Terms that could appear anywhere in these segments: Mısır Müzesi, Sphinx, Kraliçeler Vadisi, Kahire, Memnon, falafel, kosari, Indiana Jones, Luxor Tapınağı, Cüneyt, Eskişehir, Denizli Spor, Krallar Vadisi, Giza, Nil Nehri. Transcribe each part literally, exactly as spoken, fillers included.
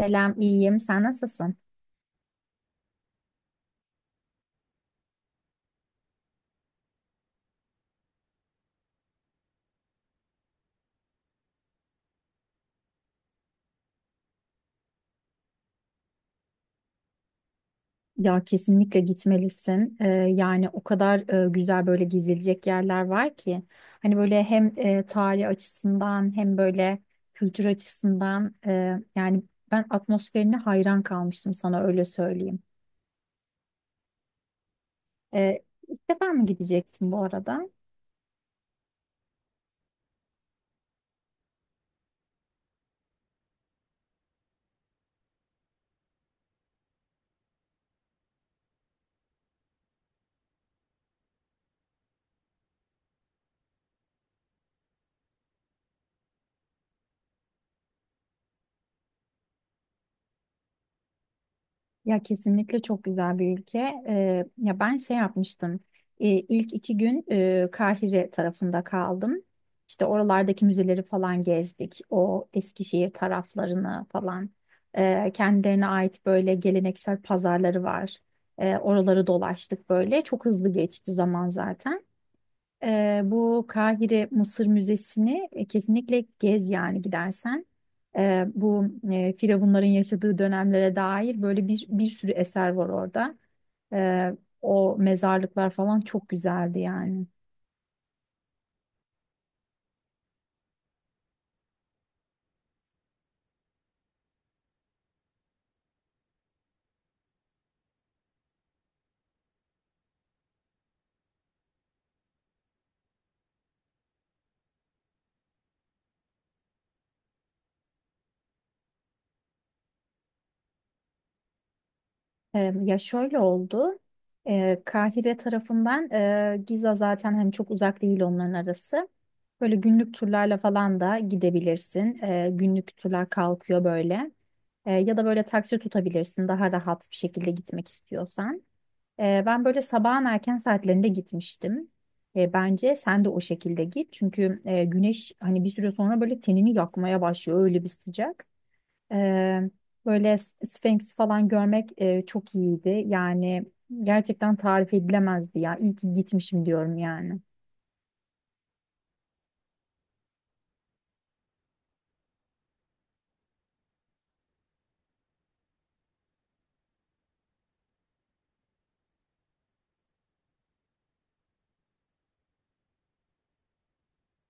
Selam, iyiyim. Sen nasılsın? Ya kesinlikle gitmelisin. Ee, yani o kadar e, güzel böyle gezilecek yerler var ki. Hani böyle hem e, tarih açısından hem böyle kültür açısından e, yani ben atmosferine hayran kalmıştım sana öyle söyleyeyim. Ee, ilk defa mı gideceksin bu arada? Ya kesinlikle çok güzel bir ülke. Ee, ya ben şey yapmıştım. Ee, ilk iki gün e, Kahire tarafında kaldım. İşte oralardaki müzeleri falan gezdik. O Eskişehir taraflarını falan. Ee, kendilerine ait böyle geleneksel pazarları var. Ee, oraları dolaştık böyle. Çok hızlı geçti zaman zaten. Ee, bu Kahire Mısır Müzesi'ni e, kesinlikle gez yani gidersen. Ee, bu e, firavunların yaşadığı dönemlere dair böyle bir, bir sürü eser var orada. Ee, o mezarlıklar falan çok güzeldi yani. Ee, Ya şöyle oldu. Ee, Kahire tarafından e, Giza zaten hani çok uzak değil onların arası. Böyle günlük turlarla falan da gidebilirsin. Ee, günlük turlar kalkıyor böyle. Ee, ya da böyle taksi tutabilirsin daha rahat bir şekilde gitmek istiyorsan. Ee, ben böyle sabahın erken saatlerinde gitmiştim. Ee, bence sen de o şekilde git. Çünkü e, güneş hani bir süre sonra böyle tenini yakmaya başlıyor öyle bir sıcak. Eee, Böyle s- Sphinx falan görmek eee, çok iyiydi. Yani gerçekten tarif edilemezdi ya. İyi ki gitmişim diyorum yani.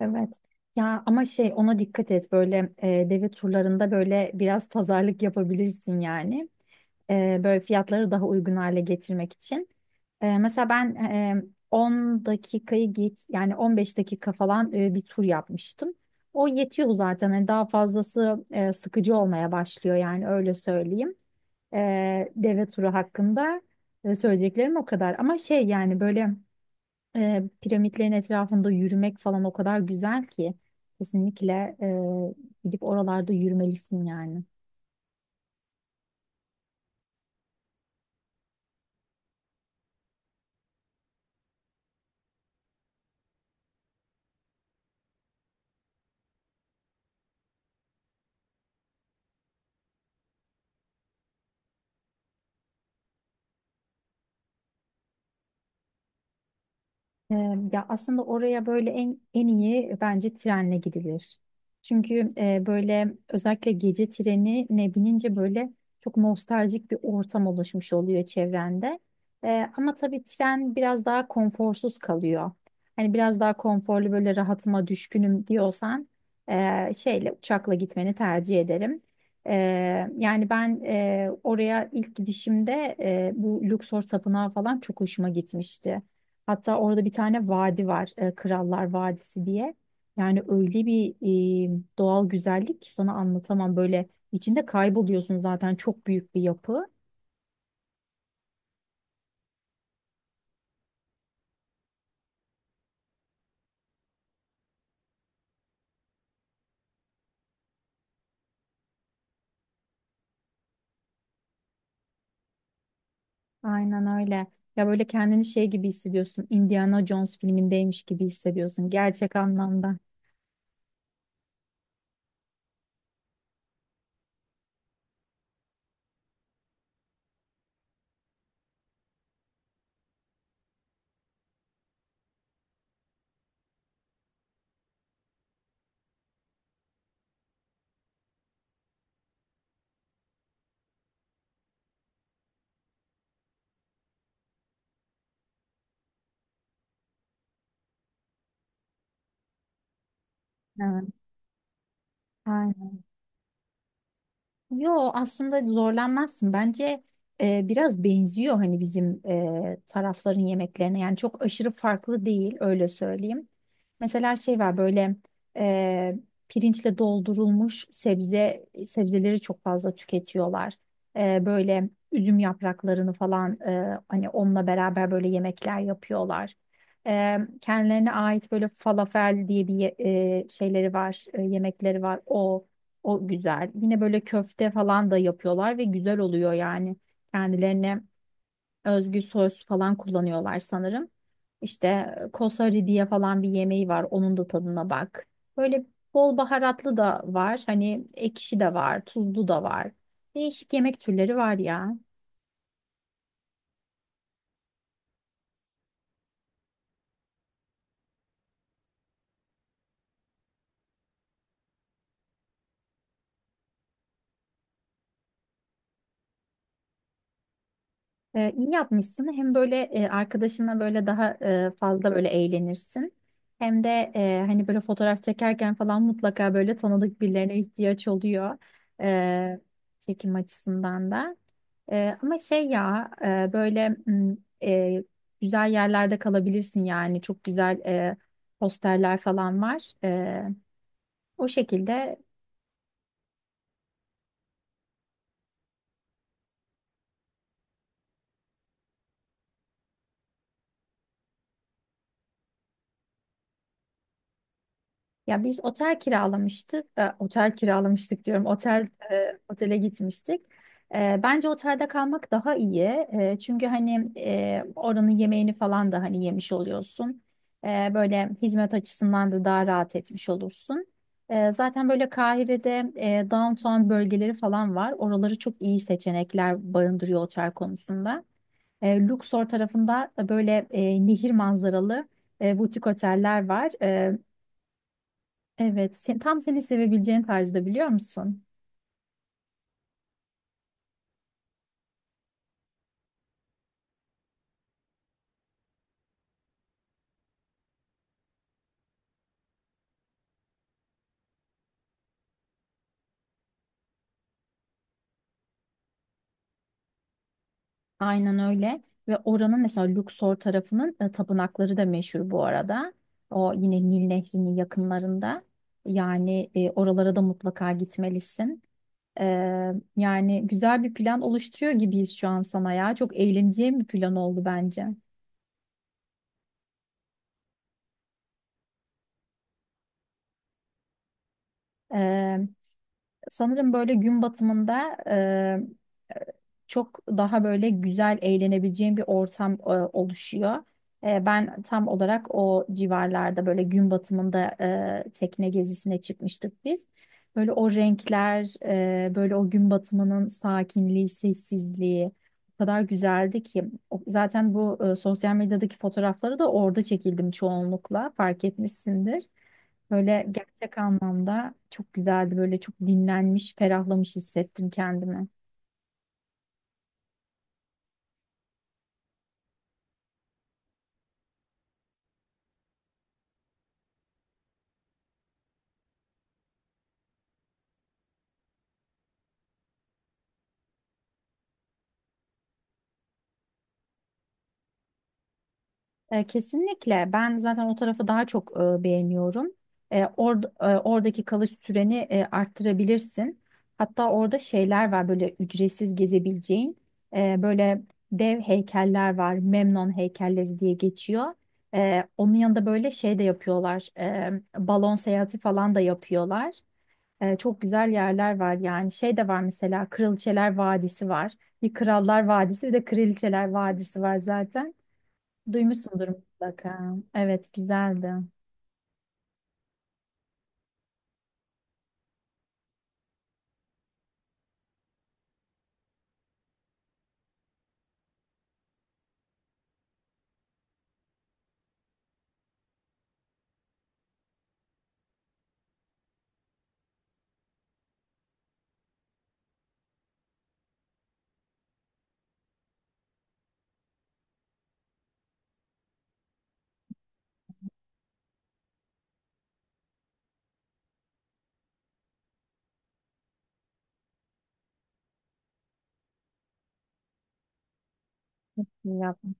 Evet. Ya ama şey ona dikkat et böyle e, deve turlarında böyle biraz pazarlık yapabilirsin yani. E, böyle fiyatları daha uygun hale getirmek için. E, mesela ben e, on dakikayı git yani on beş dakika falan e, bir tur yapmıştım. O yetiyor zaten. Hani daha fazlası e, sıkıcı olmaya başlıyor yani öyle söyleyeyim. E, deve turu hakkında e, söyleyeceklerim o kadar. Ama şey yani böyle e, piramitlerin etrafında yürümek falan o kadar güzel ki kesinlikle e, gidip oralarda yürümelisin yani. Ee, Ya aslında oraya böyle en en iyi bence trenle gidilir. Çünkü e, böyle özellikle gece treni ne binince böyle çok nostaljik bir ortam oluşmuş oluyor çevrende. Ee, ama tabii tren biraz daha konforsuz kalıyor. Hani biraz daha konforlu böyle rahatıma düşkünüm diyorsan e, şeyle uçakla gitmeni tercih ederim. Ee, yani ben e, oraya ilk gidişimde e, bu Luxor Tapınağı falan çok hoşuma gitmişti. Hatta orada bir tane vadi var, e, Krallar Vadisi diye. Yani öyle bir e, doğal güzellik ki sana anlatamam. Böyle içinde kayboluyorsun zaten çok büyük bir yapı. Aynen öyle. Ya böyle kendini şey gibi hissediyorsun. Indiana Jones filmindeymiş gibi hissediyorsun gerçek anlamda. Evet. Aynen. Yo aslında zorlanmazsın. Bence e, biraz benziyor hani bizim e, tarafların yemeklerine. Yani çok aşırı farklı değil öyle söyleyeyim. Mesela şey var böyle e, pirinçle doldurulmuş sebze sebzeleri çok fazla tüketiyorlar. E, böyle üzüm yapraklarını falan e, hani onunla beraber böyle yemekler yapıyorlar. E, kendilerine ait böyle falafel diye bir ye- e, şeyleri var, e, yemekleri var. O o güzel. Yine böyle köfte falan da yapıyorlar ve güzel oluyor yani. Kendilerine özgü sos falan kullanıyorlar sanırım. İşte e, kosari diye falan bir yemeği var. Onun da tadına bak. Böyle bol baharatlı da var. Hani ekşi de var, tuzlu da var. Değişik yemek türleri var ya. Ee, iyi yapmışsın. Hem böyle e, arkadaşına böyle daha e, fazla böyle eğlenirsin. Hem de e, hani böyle fotoğraf çekerken falan mutlaka böyle tanıdık birilerine ihtiyaç oluyor. Ee, Çekim açısından da. Ee, ama şey ya e, böyle m, e, güzel yerlerde kalabilirsin yani. Çok güzel e, posterler falan var. Ee, o şekilde. Ya biz otel kiralamıştık, e, otel kiralamıştık diyorum, otel e, otele gitmiştik. E, bence otelde kalmak daha iyi. E, çünkü hani e, oranın yemeğini falan da hani yemiş oluyorsun. E, böyle hizmet açısından da daha rahat etmiş olursun. E, zaten böyle Kahire'de e, downtown bölgeleri falan var. Oraları çok iyi seçenekler barındırıyor otel konusunda. E, Luxor tarafında böyle e, nehir manzaralı e, butik oteller var. E, Evet, sen, tam seni sevebileceğin tarzda biliyor musun? Aynen öyle. Ve oranın mesela Luxor tarafının e, tapınakları da meşhur bu arada. O yine Nil Nehri'nin yakınlarında. Yani e, oralara da mutlaka gitmelisin. E, Yani güzel bir plan oluşturuyor gibiyiz şu an sana ya. Çok eğleneceğin bir plan oldu bence. E, Sanırım böyle gün batımında e, çok daha böyle güzel eğlenebileceğim bir ortam e, oluşuyor. E, ben tam olarak o civarlarda böyle gün batımında e, tekne gezisine çıkmıştık biz. Böyle o renkler, e, böyle o gün batımının sakinliği, sessizliği o kadar güzeldi ki. O- Zaten bu e, sosyal medyadaki fotoğrafları da orada çekildim çoğunlukla fark etmişsindir. Böyle gerçek anlamda çok güzeldi. Böyle çok dinlenmiş, ferahlamış hissettim kendimi. E, kesinlikle. Ben zaten o tarafı daha çok e, beğeniyorum. E, orada- e, oradaki kalış süreni e, arttırabilirsin. Hatta orada şeyler var böyle ücretsiz gezebileceğin. E, böyle dev heykeller var. Memnon heykelleri diye geçiyor. E, onun yanında böyle şey de yapıyorlar. E, balon seyahati falan da yapıyorlar. E, çok güzel yerler var yani. Şey de var mesela Kraliçeler Vadisi var. Bir Krallar Vadisi bir de Kraliçeler Vadisi var zaten. Duymuşsundur mutlaka. Evet, güzeldi. İyi yapmış.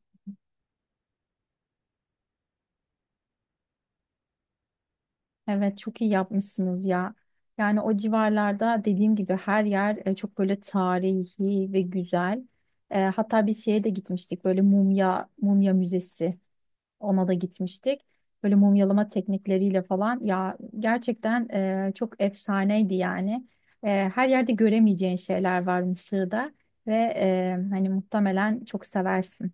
Evet, çok iyi yapmışsınız ya. Yani o civarlarda dediğim gibi her yer e, çok böyle tarihi ve güzel. E, hatta bir şeye de gitmiştik. Böyle mumya mumya müzesi. Ona da gitmiştik. Böyle mumyalama teknikleriyle falan. Ya gerçekten e, çok efsaneydi yani. E, Her yerde göremeyeceğin şeyler var Mısır'da ve e, hani muhtemelen çok seversin.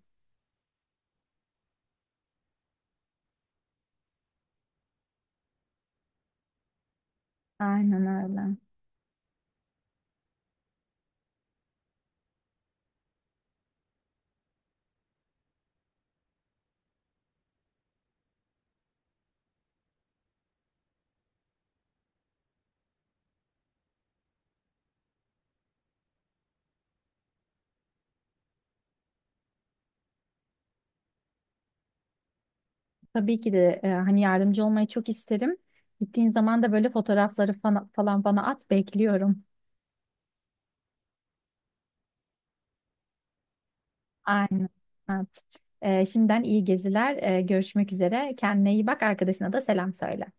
Aynen öyle. Tabii ki de e, hani yardımcı olmayı çok isterim. Gittiğin zaman da böyle fotoğrafları fana- falan bana at, bekliyorum. Aynen. Evet. E, şimdiden iyi geziler. E, görüşmek üzere. Kendine iyi bak, arkadaşına da selam söyle.